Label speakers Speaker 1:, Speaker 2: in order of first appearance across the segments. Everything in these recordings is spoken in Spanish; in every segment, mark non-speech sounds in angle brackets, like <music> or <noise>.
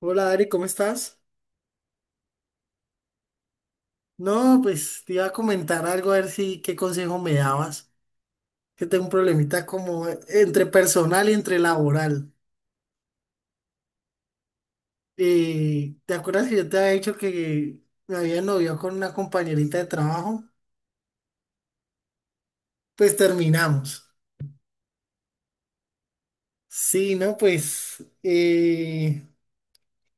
Speaker 1: Hola Ari, ¿cómo estás? No, pues te iba a comentar algo a ver si qué consejo me dabas. Que tengo un problemita como entre personal y entre laboral. ¿Te acuerdas que yo te había dicho que me había noviado con una compañerita de trabajo? Pues terminamos. Sí, no, pues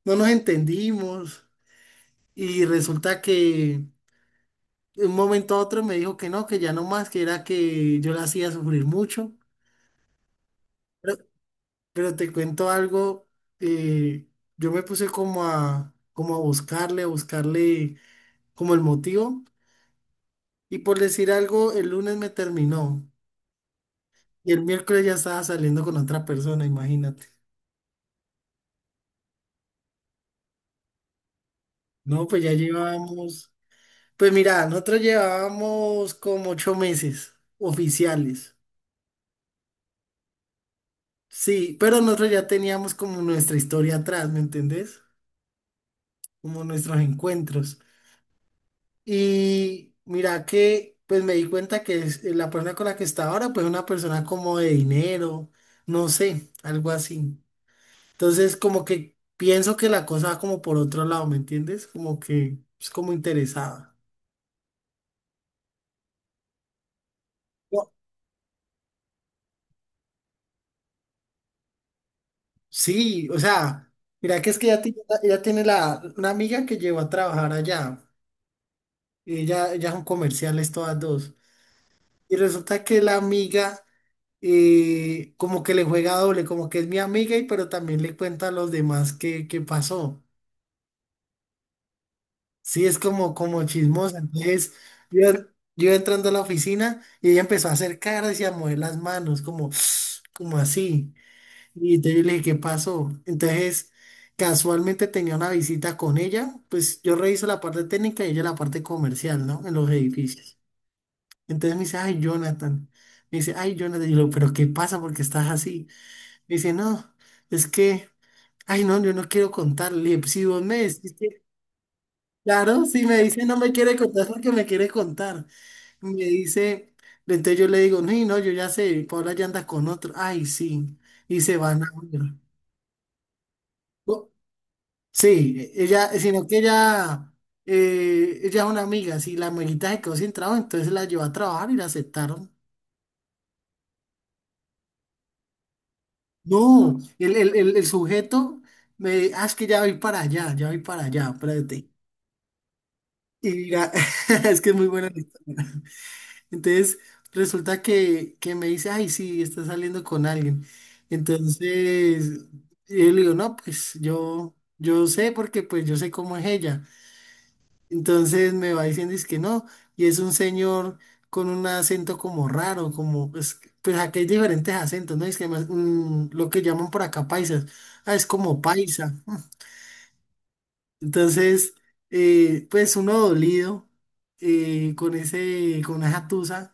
Speaker 1: no nos entendimos y resulta que de un momento a otro me dijo que no, que ya no más, que era que yo la hacía sufrir mucho. Pero te cuento algo, eh, yo me puse como a buscarle como el motivo. Y por decir algo, el lunes me terminó. Y el miércoles ya estaba saliendo con otra persona, imagínate. No, pues ya llevábamos, pues mira, nosotros llevábamos como 8 meses oficiales. Sí, pero nosotros ya teníamos como nuestra historia atrás, ¿me entendés? Como nuestros encuentros. Y mira que pues me di cuenta que la persona con la que está ahora pues es una persona como de dinero, no sé, algo así. Entonces como que pienso que la cosa va como por otro lado, ¿me entiendes? Como que es como interesada. No, sí, o sea, mira que es que ella tiene una amiga que llegó a trabajar allá. Ella son comerciales todas dos. Y resulta que la amiga como que le juega doble, como que es mi amiga y pero también le cuenta a los demás qué pasó. Sí, es como, como chismosa. Entonces, yo, yo entrando a la oficina y ella empezó a hacer caras y a mover las manos, como, <sniffs> como así. Y entonces yo le dije, ¿qué pasó? Entonces, casualmente tenía una visita con ella, pues yo reviso la parte técnica y ella la parte comercial, ¿no? En los edificios. Entonces me dice, ay, Jonathan. Me dice, ay, Jonathan. Y yo, pero ¿qué pasa? ¿Por qué estás así? Me dice, no, es que, ay, no, yo no quiero contarle. Le dije, "Pues, si vos me decís que, claro, si me dice no me quiere contar, es porque me quiere contar". Me dice, entonces yo le digo, no, no, yo ya sé, Paula ya anda con otro. Ay, sí. Y se van a ver. No, sí, ella, sino que ella, ella es una amiga. Si la amiguita se quedó sin trabajo, entonces la llevó a trabajar y la aceptaron. No, el sujeto me dice, ah, es que ya voy para allá, ya voy para allá, espérate. Y mira, <laughs> es que es muy buena la historia. Entonces, resulta que me dice, ay, sí, está saliendo con alguien. Entonces, yo le digo, no, pues yo sé porque pues yo sé cómo es ella. Entonces me va diciendo es que no, y es un señor con un acento como raro, como pues, pues aquí hay diferentes acentos, ¿no? Es que más, lo que llaman por acá paisas, ah, es como paisa. Entonces, pues uno dolido con ese, con esa tusa,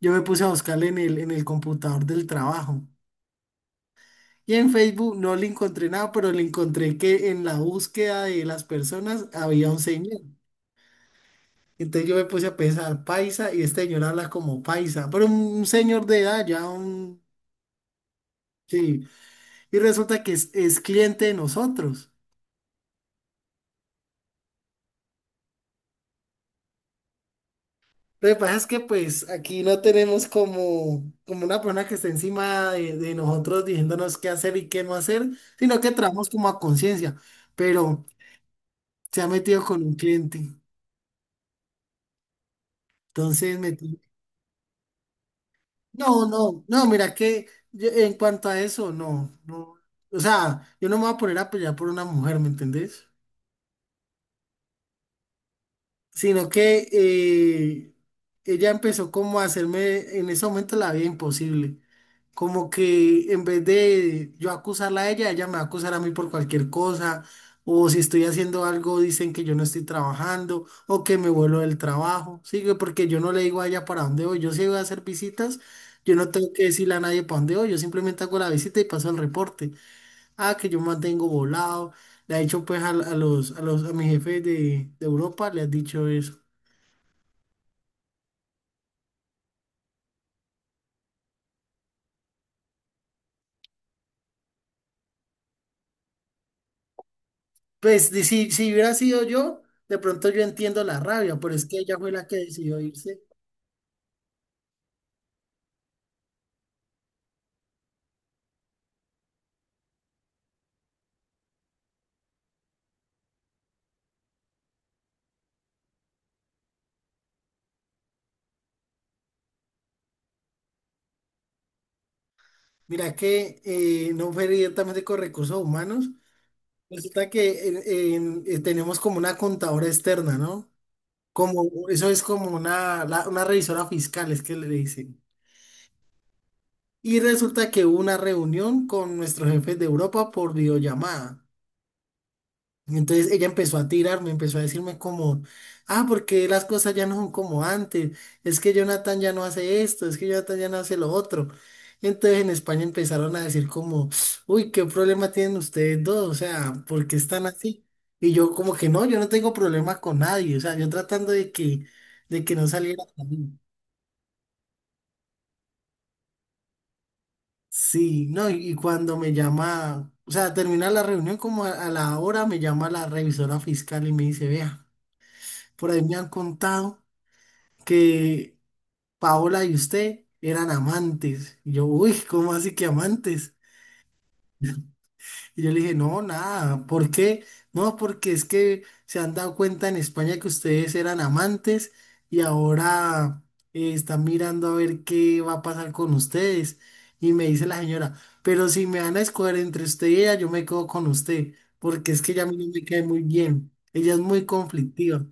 Speaker 1: yo me puse a buscarle en el computador del trabajo. Y en Facebook no le encontré nada, pero le encontré que en la búsqueda de las personas había un señor. Entonces yo me puse a pensar, paisa, y este señor habla como paisa, pero un señor de edad, ya un... Sí, y resulta que es cliente de nosotros. Lo que pasa es que pues aquí no tenemos como, como una persona que esté encima de nosotros diciéndonos qué hacer y qué no hacer, sino que trabajamos como a conciencia, pero se ha metido con un cliente. Entonces me... tiene- No, no, no, mira que yo- en cuanto a eso, no, no. O sea, yo no me voy a poner a pelear por una mujer, ¿me entendés? Sino que ella empezó como a hacerme, en ese momento, la vida imposible. Como que en vez de yo acusarla a ella, ella me va a acusar a mí por cualquier cosa, o si estoy haciendo algo, dicen que yo no estoy trabajando, o que me vuelo del trabajo, ¿sí? Que porque yo no le digo a ella para dónde voy, yo sí voy a hacer visitas, yo no tengo que decirle a nadie para dónde voy, yo simplemente hago la visita y paso el reporte. Ah, que yo mantengo volado. Le ha dicho pues a mis jefes de Europa, le has dicho eso. Pues si hubiera sido yo, de pronto yo entiendo la rabia, pero es que ella fue la que decidió irse. Mira que no fue directamente con recursos humanos. Resulta que tenemos como una contadora externa, ¿no? Como, eso es como una, una revisora fiscal, es que le dicen. Y resulta que hubo una reunión con nuestros jefes de Europa por videollamada. Entonces ella empezó a tirarme, empezó a decirme como, ah, porque las cosas ya no son como antes, es que Jonathan ya no hace esto, es que Jonathan ya no hace lo otro. Entonces en España empezaron a decir como, uy, qué problema tienen ustedes dos, o sea, ¿por qué están así? Y yo como que no, yo no tengo problema con nadie, o sea, yo tratando de que no saliera conmigo. Sí, no, y cuando me llama, o sea, termina la reunión como a la hora, me llama la revisora fiscal y me dice, vea. Por ahí me han contado que Paola y usted eran amantes. Y yo, uy, ¿cómo así que amantes? Y yo le dije, no, nada, ¿por qué? No, porque es que se han dado cuenta en España que ustedes eran amantes y ahora están mirando a ver qué va a pasar con ustedes. Y me dice la señora, pero si me van a escoger entre usted y ella, yo me quedo con usted, porque es que ella a mí no me cae muy bien. Ella es muy conflictiva.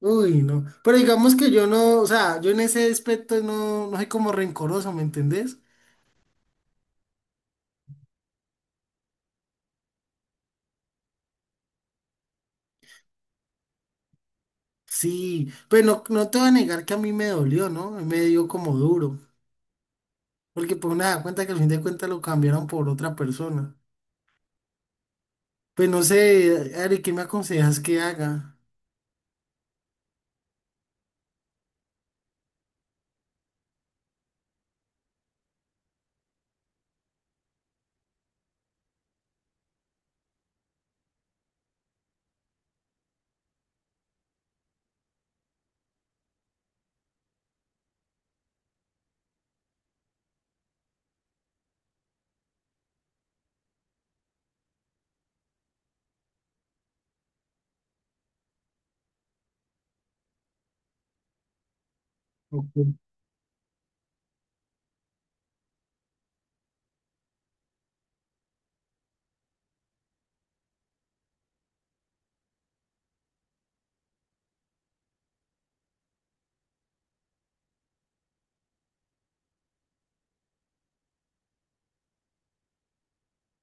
Speaker 1: Uy, no. Pero digamos que yo no, o sea, yo en ese aspecto no, no soy como rencoroso, ¿me entendés? Sí, pero no, no te voy a negar que a mí me dolió, ¿no? Me dio como duro. Porque pues nada, cuenta que al fin de cuentas lo cambiaron por otra persona. Pues no sé, Ari, ¿qué me aconsejas que haga? Ok.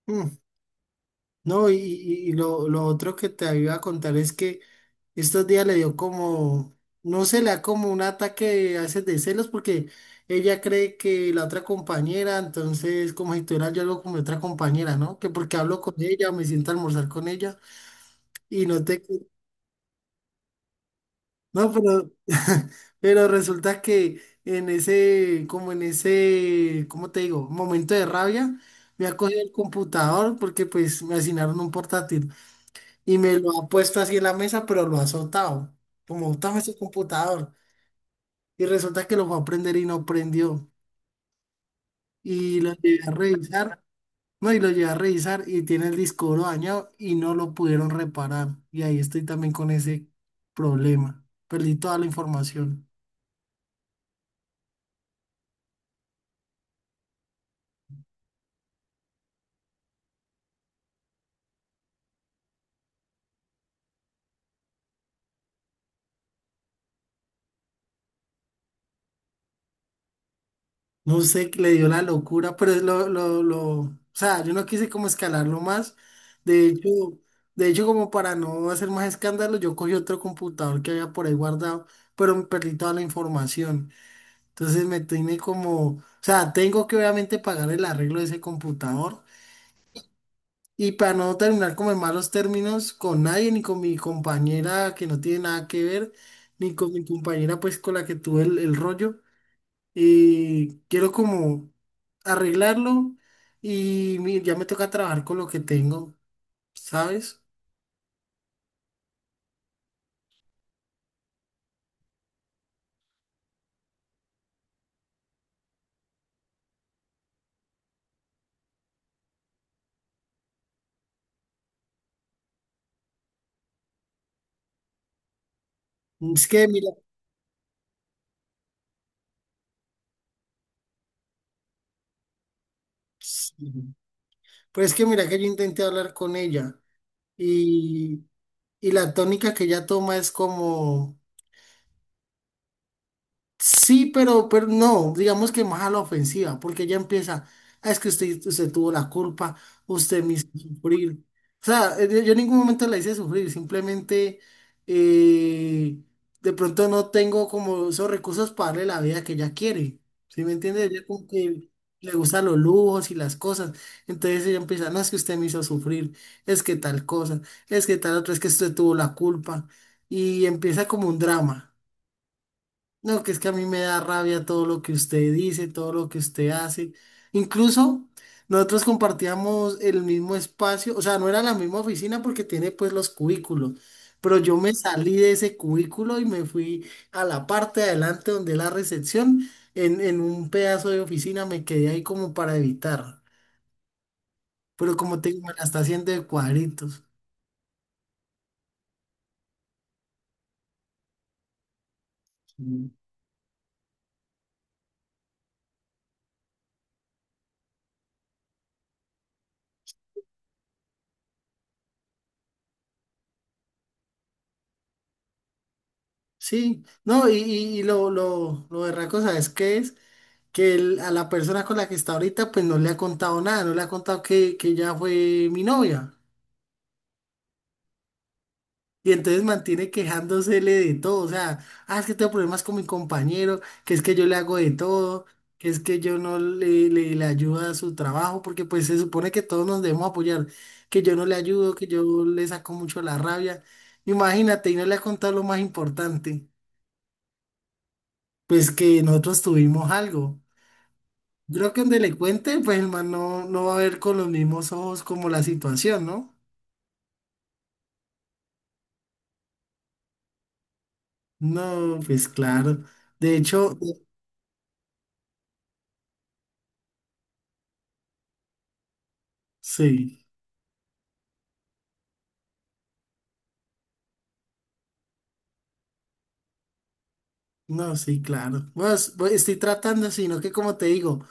Speaker 1: Mm, no, y, lo otro que te iba a contar es que estos días le dio como, no sé, le da como un ataque a veces de celos porque ella cree que la otra compañera, entonces como si tuviera yo algo con mi otra compañera, ¿no? Que porque hablo con ella, me siento a almorzar con ella y no te... No, pero, <laughs> pero resulta que en ese, como en ese, ¿cómo te digo? Momento de rabia, me ha cogido el computador porque pues me asignaron un portátil y me lo ha puesto así en la mesa, pero lo ha azotado. Como, toma ese computador. Y resulta que lo fue a prender y no prendió. Y lo llevé a revisar, no, y lo llevé a revisar y tiene el disco duro dañado y no lo pudieron reparar. Y ahí estoy también con ese problema. Perdí toda la información. No sé, qué le dio la locura, pero es lo, o sea, yo no quise como escalarlo más. De hecho, de hecho, como para no hacer más escándalo, yo cogí otro computador que había por ahí guardado, pero me perdí toda la información. Entonces me tiene como, o sea, tengo que obviamente pagar el arreglo de ese computador y para no terminar como en malos términos con nadie, ni con mi compañera que no tiene nada que ver, ni con mi compañera pues con la que tuve el rollo, quiero como arreglarlo y ya me toca trabajar con lo que tengo, ¿sabes? Es que mira, sí, pues es que mira que yo intenté hablar con ella y, y la tónica que ella toma es como... Sí, pero no, digamos que más a la ofensiva, porque ya empieza, "Ah, es que usted, usted tuvo la culpa, usted me hizo sufrir". O sea, yo, yo en ningún momento la hice sufrir, simplemente eh, de pronto no tengo como esos recursos para darle la vida que ella quiere. ¿Sí me entiende? Ella como que le gustan los lujos y las cosas. Entonces ella empieza, no, es que usted me hizo sufrir, es que tal cosa, es que tal otra, es que usted tuvo la culpa. Y empieza como un drama. No, que es que a mí me da rabia todo lo que usted dice, todo lo que usted hace. Incluso nosotros compartíamos el mismo espacio, o sea, no era la misma oficina porque tiene pues los cubículos, pero yo me salí de ese cubículo y me fui a la parte de adelante donde la recepción, en un pedazo de oficina me quedé ahí como para evitar, pero como te digo, me la está haciendo de cuadritos. Mm. Sí, no, y, lo berraco, ¿sabes qué es? Que el- a la persona con la que está ahorita pues no le ha contado nada, no le ha contado que ella fue mi novia. Y entonces mantiene quejándosele de todo, o sea, ah, es que tengo problemas con mi compañero, que es que yo le hago de todo, que es que yo no le ayudo a su trabajo, porque pues se supone que todos nos debemos apoyar, que yo no le ayudo, que yo le saco mucho la rabia. Imagínate, y no le ha contado lo más importante, pues que nosotros tuvimos algo. Creo que donde le cuente, pues el man no, no va a ver con los mismos ojos como la situación, ¿no? No, pues claro. De hecho, sí, no, sí, claro. Bueno, bueno, estoy tratando, sino que como te digo,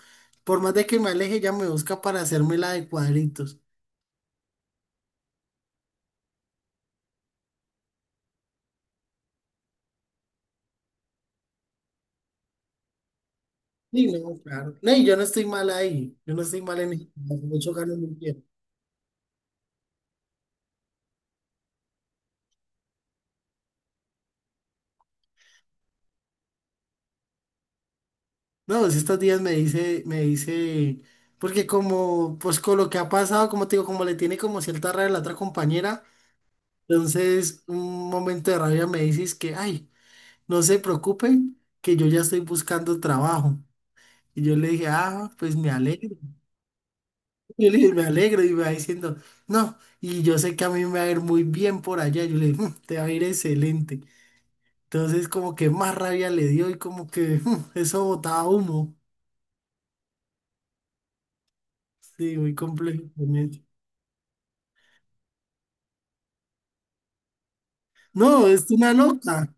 Speaker 1: por más de que me aleje, ya me busca para hacerme la de cuadritos. Sí, no, claro. No, y yo no estoy mal ahí, yo no estoy mal en el mucho gano muy bien. No, pues estos días me dice, porque como, pues con lo que ha pasado, como te digo, como le tiene como cierta rabia a la otra compañera. Entonces, un momento de rabia me dices que, ay, no se preocupen, que yo ya estoy buscando trabajo. Y yo le dije, ah, pues me alegro. <laughs> Yo le dije, me alegro. Y me va diciendo, no, y yo sé que a mí me va a ir muy bien por allá. Yo le dije, "Mm, te va a ir excelente". Entonces, como que más rabia le dio y como que "Mm, eso botaba humo". Sí, muy complejo con eso. No, es una loca.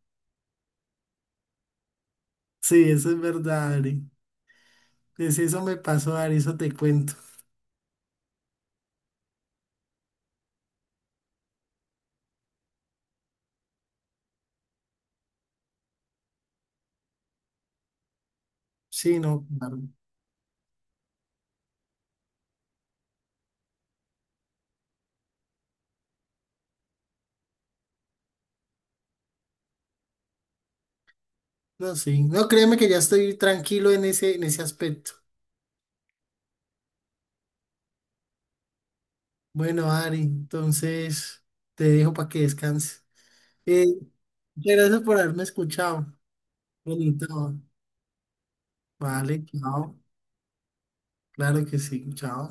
Speaker 1: Sí, eso es verdad, Ari. Pues eso me pasó, Ari, eso te cuento. Sí, no, claro. No, sí. No, créeme que ya estoy tranquilo en ese aspecto. Bueno, Ari, entonces te dejo para que descanses. Eh, muchas gracias por haberme escuchado. Bonito. Vale, chao. Claro que sí, chao.